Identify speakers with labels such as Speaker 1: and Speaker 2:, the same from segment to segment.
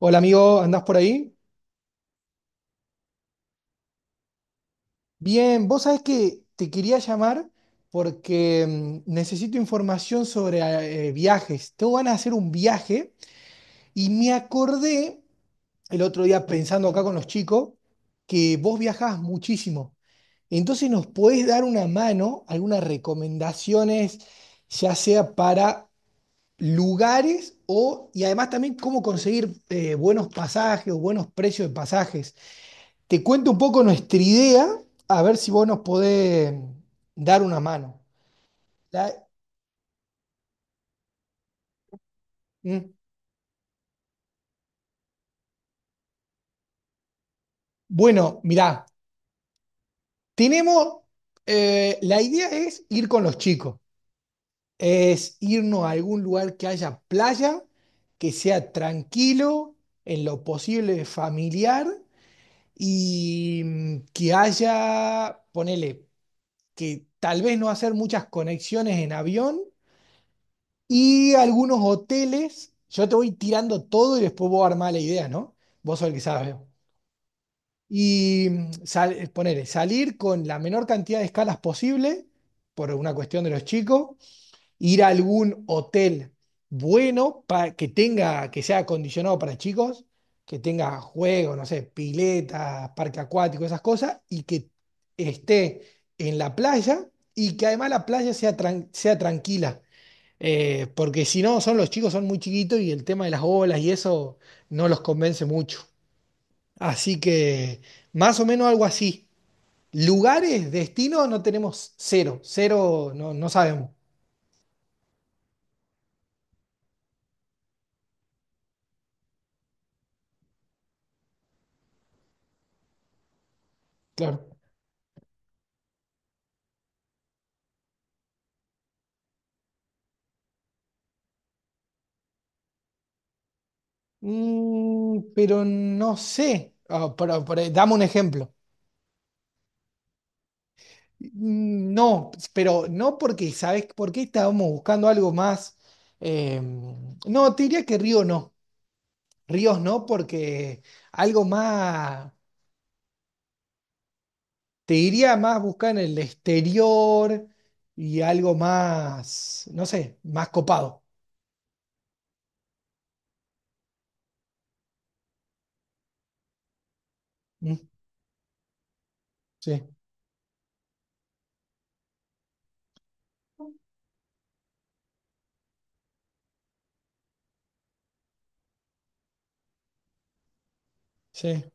Speaker 1: Hola amigo, ¿andás por ahí? Bien, vos sabés que te quería llamar porque necesito información sobre viajes. Tengo ganas de hacer un viaje y me acordé el otro día pensando acá con los chicos que vos viajás muchísimo. Entonces nos podés dar una mano, algunas recomendaciones, ya sea para lugares o, y además también cómo conseguir buenos pasajes o buenos precios de pasajes. Te cuento un poco nuestra idea, a ver si vos nos podés dar una mano. La- Mm. Bueno, mirá, tenemos, la idea es ir con los chicos, es irnos a algún lugar que haya playa, que sea tranquilo, en lo posible familiar y que haya, ponele, que tal vez no hacer muchas conexiones en avión. Y algunos hoteles, yo te voy tirando todo y después vos armás la idea, ¿no? Vos sos el que sabes. Y ponele, salir con la menor cantidad de escalas posible, por una cuestión de los chicos, ir a algún hotel bueno que tenga, que sea acondicionado para chicos, que tenga juegos, no sé, piletas, parque acuático, esas cosas, y que esté en la playa y que además la playa sea, sea tranquila, porque si no, son los chicos, son muy chiquitos y el tema de las olas y eso no los convence mucho. Así que más o menos algo así. Lugares, destinos no tenemos, cero. Cero, no, no sabemos. Claro. Mm, pero no sé. Ah, pero dame un ejemplo. Mm, no, pero no porque, ¿sabes por qué estábamos buscando algo más? eh, no, te diría que río no. Ríos no, porque algo más. Te diría más buscar en el exterior y algo más, no sé, más copado. Mm, sí, sí.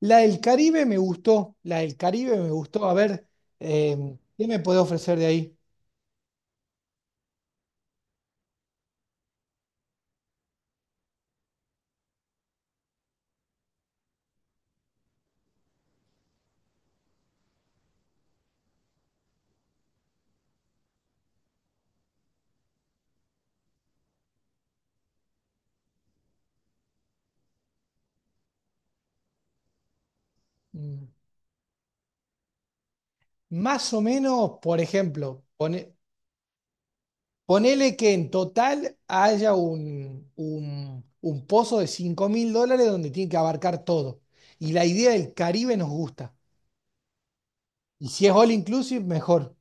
Speaker 1: La del Caribe me gustó, la del Caribe me gustó. A ver, ¿qué me puede ofrecer de ahí? Mm, más o menos, por ejemplo, ponele que en total haya un pozo de 5.000 dólares donde tiene que abarcar todo. Y la idea del Caribe nos gusta. Y si es all inclusive, mejor.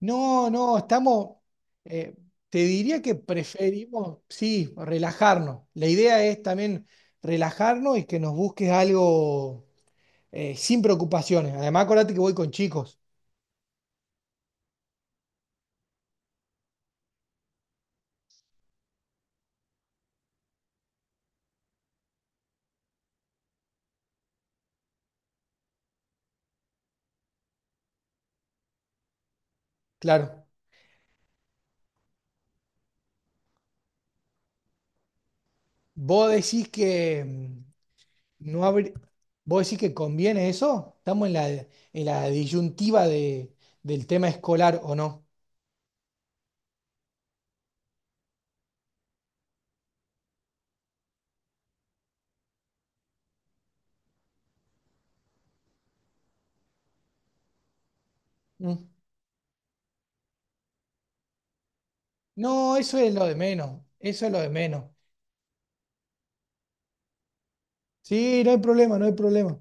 Speaker 1: No, no, estamos, eh, te diría que preferimos, sí, relajarnos. La idea es también relajarnos y que nos busques algo sin preocupaciones. Además, acordate que voy con chicos, claro. Vos decís que mm, no habr- Vos decís que conviene eso. Estamos en la disyuntiva de, del tema escolar o no. Mm. No, eso es lo de menos, eso es lo de menos. Sí, no hay problema, no hay problema.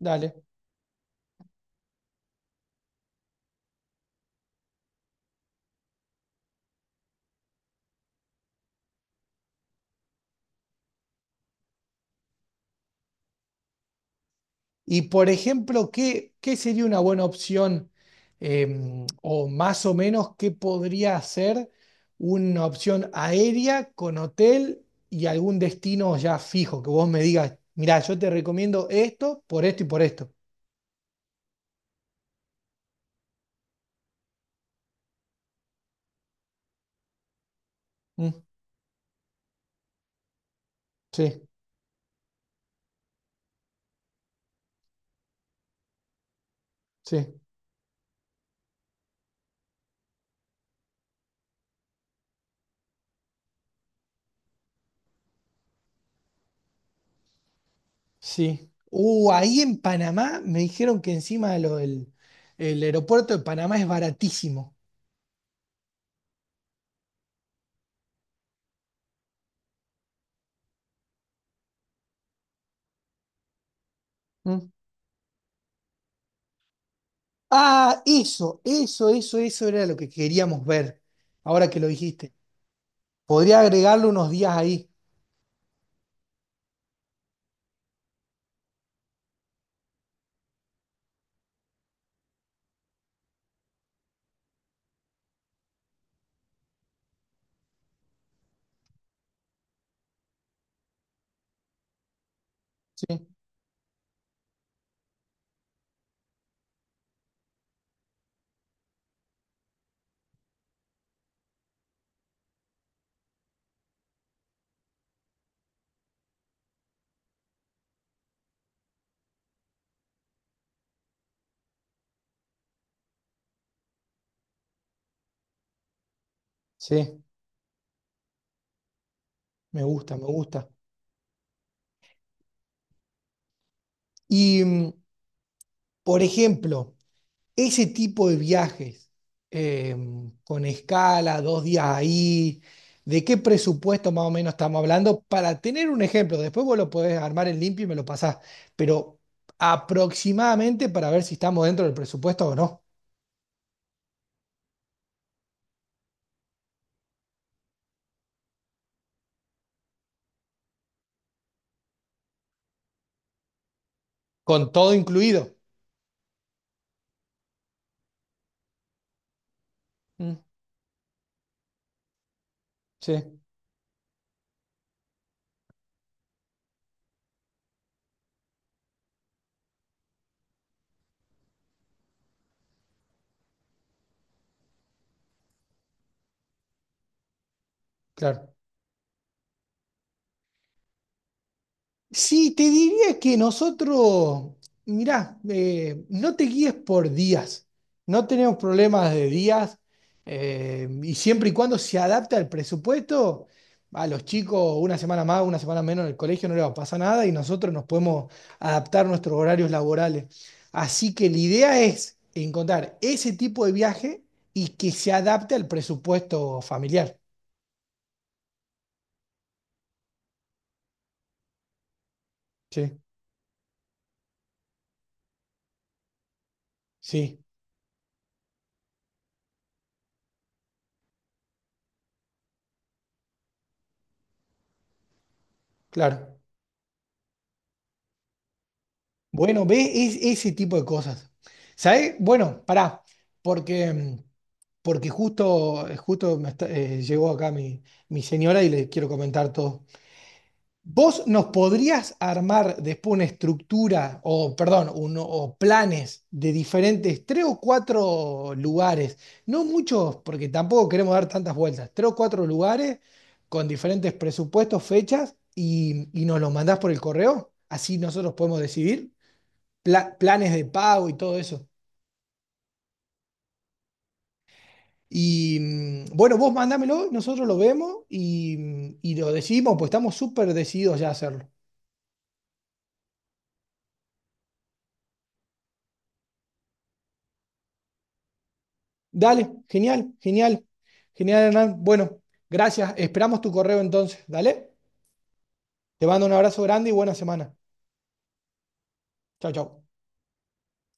Speaker 1: Dale. Y por ejemplo, ¿qué, qué sería una buena opción, o más o menos qué podría ser una opción aérea con hotel y algún destino ya fijo? Que vos me digas, mirá, yo te recomiendo esto por esto y por esto. Mm, sí, sí, sí. Ahí en Panamá me dijeron que encima de lo del el aeropuerto de Panamá es baratísimo. Mm. Ah, eso era lo que queríamos ver, ahora que lo dijiste. Podría agregarle unos días ahí. Sí, sí, me gusta, me gusta. Y, por ejemplo, ese tipo de viajes, eh, con escala, 2 días ahí, ¿de qué presupuesto más o menos estamos hablando? Para tener un ejemplo, después vos lo podés armar en limpio y me lo pasás, pero aproximadamente para ver si estamos dentro del presupuesto o no, con todo incluido. Mm, sí, claro. Sí, te diría que nosotros, mirá, no te guíes por días, no tenemos problemas de días, y siempre y cuando se adapte al presupuesto, a los chicos una semana más, una semana menos en el colegio no les va a pasar nada y nosotros nos podemos adaptar a nuestros horarios laborales. Así que la idea es encontrar ese tipo de viaje y que se adapte al presupuesto familiar. Sí, sí, claro. Bueno, ve es, ese tipo de cosas. ¿Sabes? Bueno, pará, porque, mm, porque justo, justo me está-, llegó acá mi señora y le quiero comentar todo. ¿Vos nos podrías armar después una estructura, o perdón, uno, o planes de diferentes, tres o cuatro lugares? No muchos, porque tampoco queremos dar tantas vueltas. Tres o cuatro lugares con diferentes presupuestos, fechas, y nos los mandás por el correo. Así nosotros podemos decidir planes de pago y todo eso. Y bueno, vos mandámelo, nosotros lo vemos y y lo decimos, pues estamos súper decididos ya a hacerlo. Dale, genial, genial, genial, Hernán. Bueno, gracias. Esperamos tu correo entonces. Dale. Te mando un abrazo grande y buena semana. Chao, chao.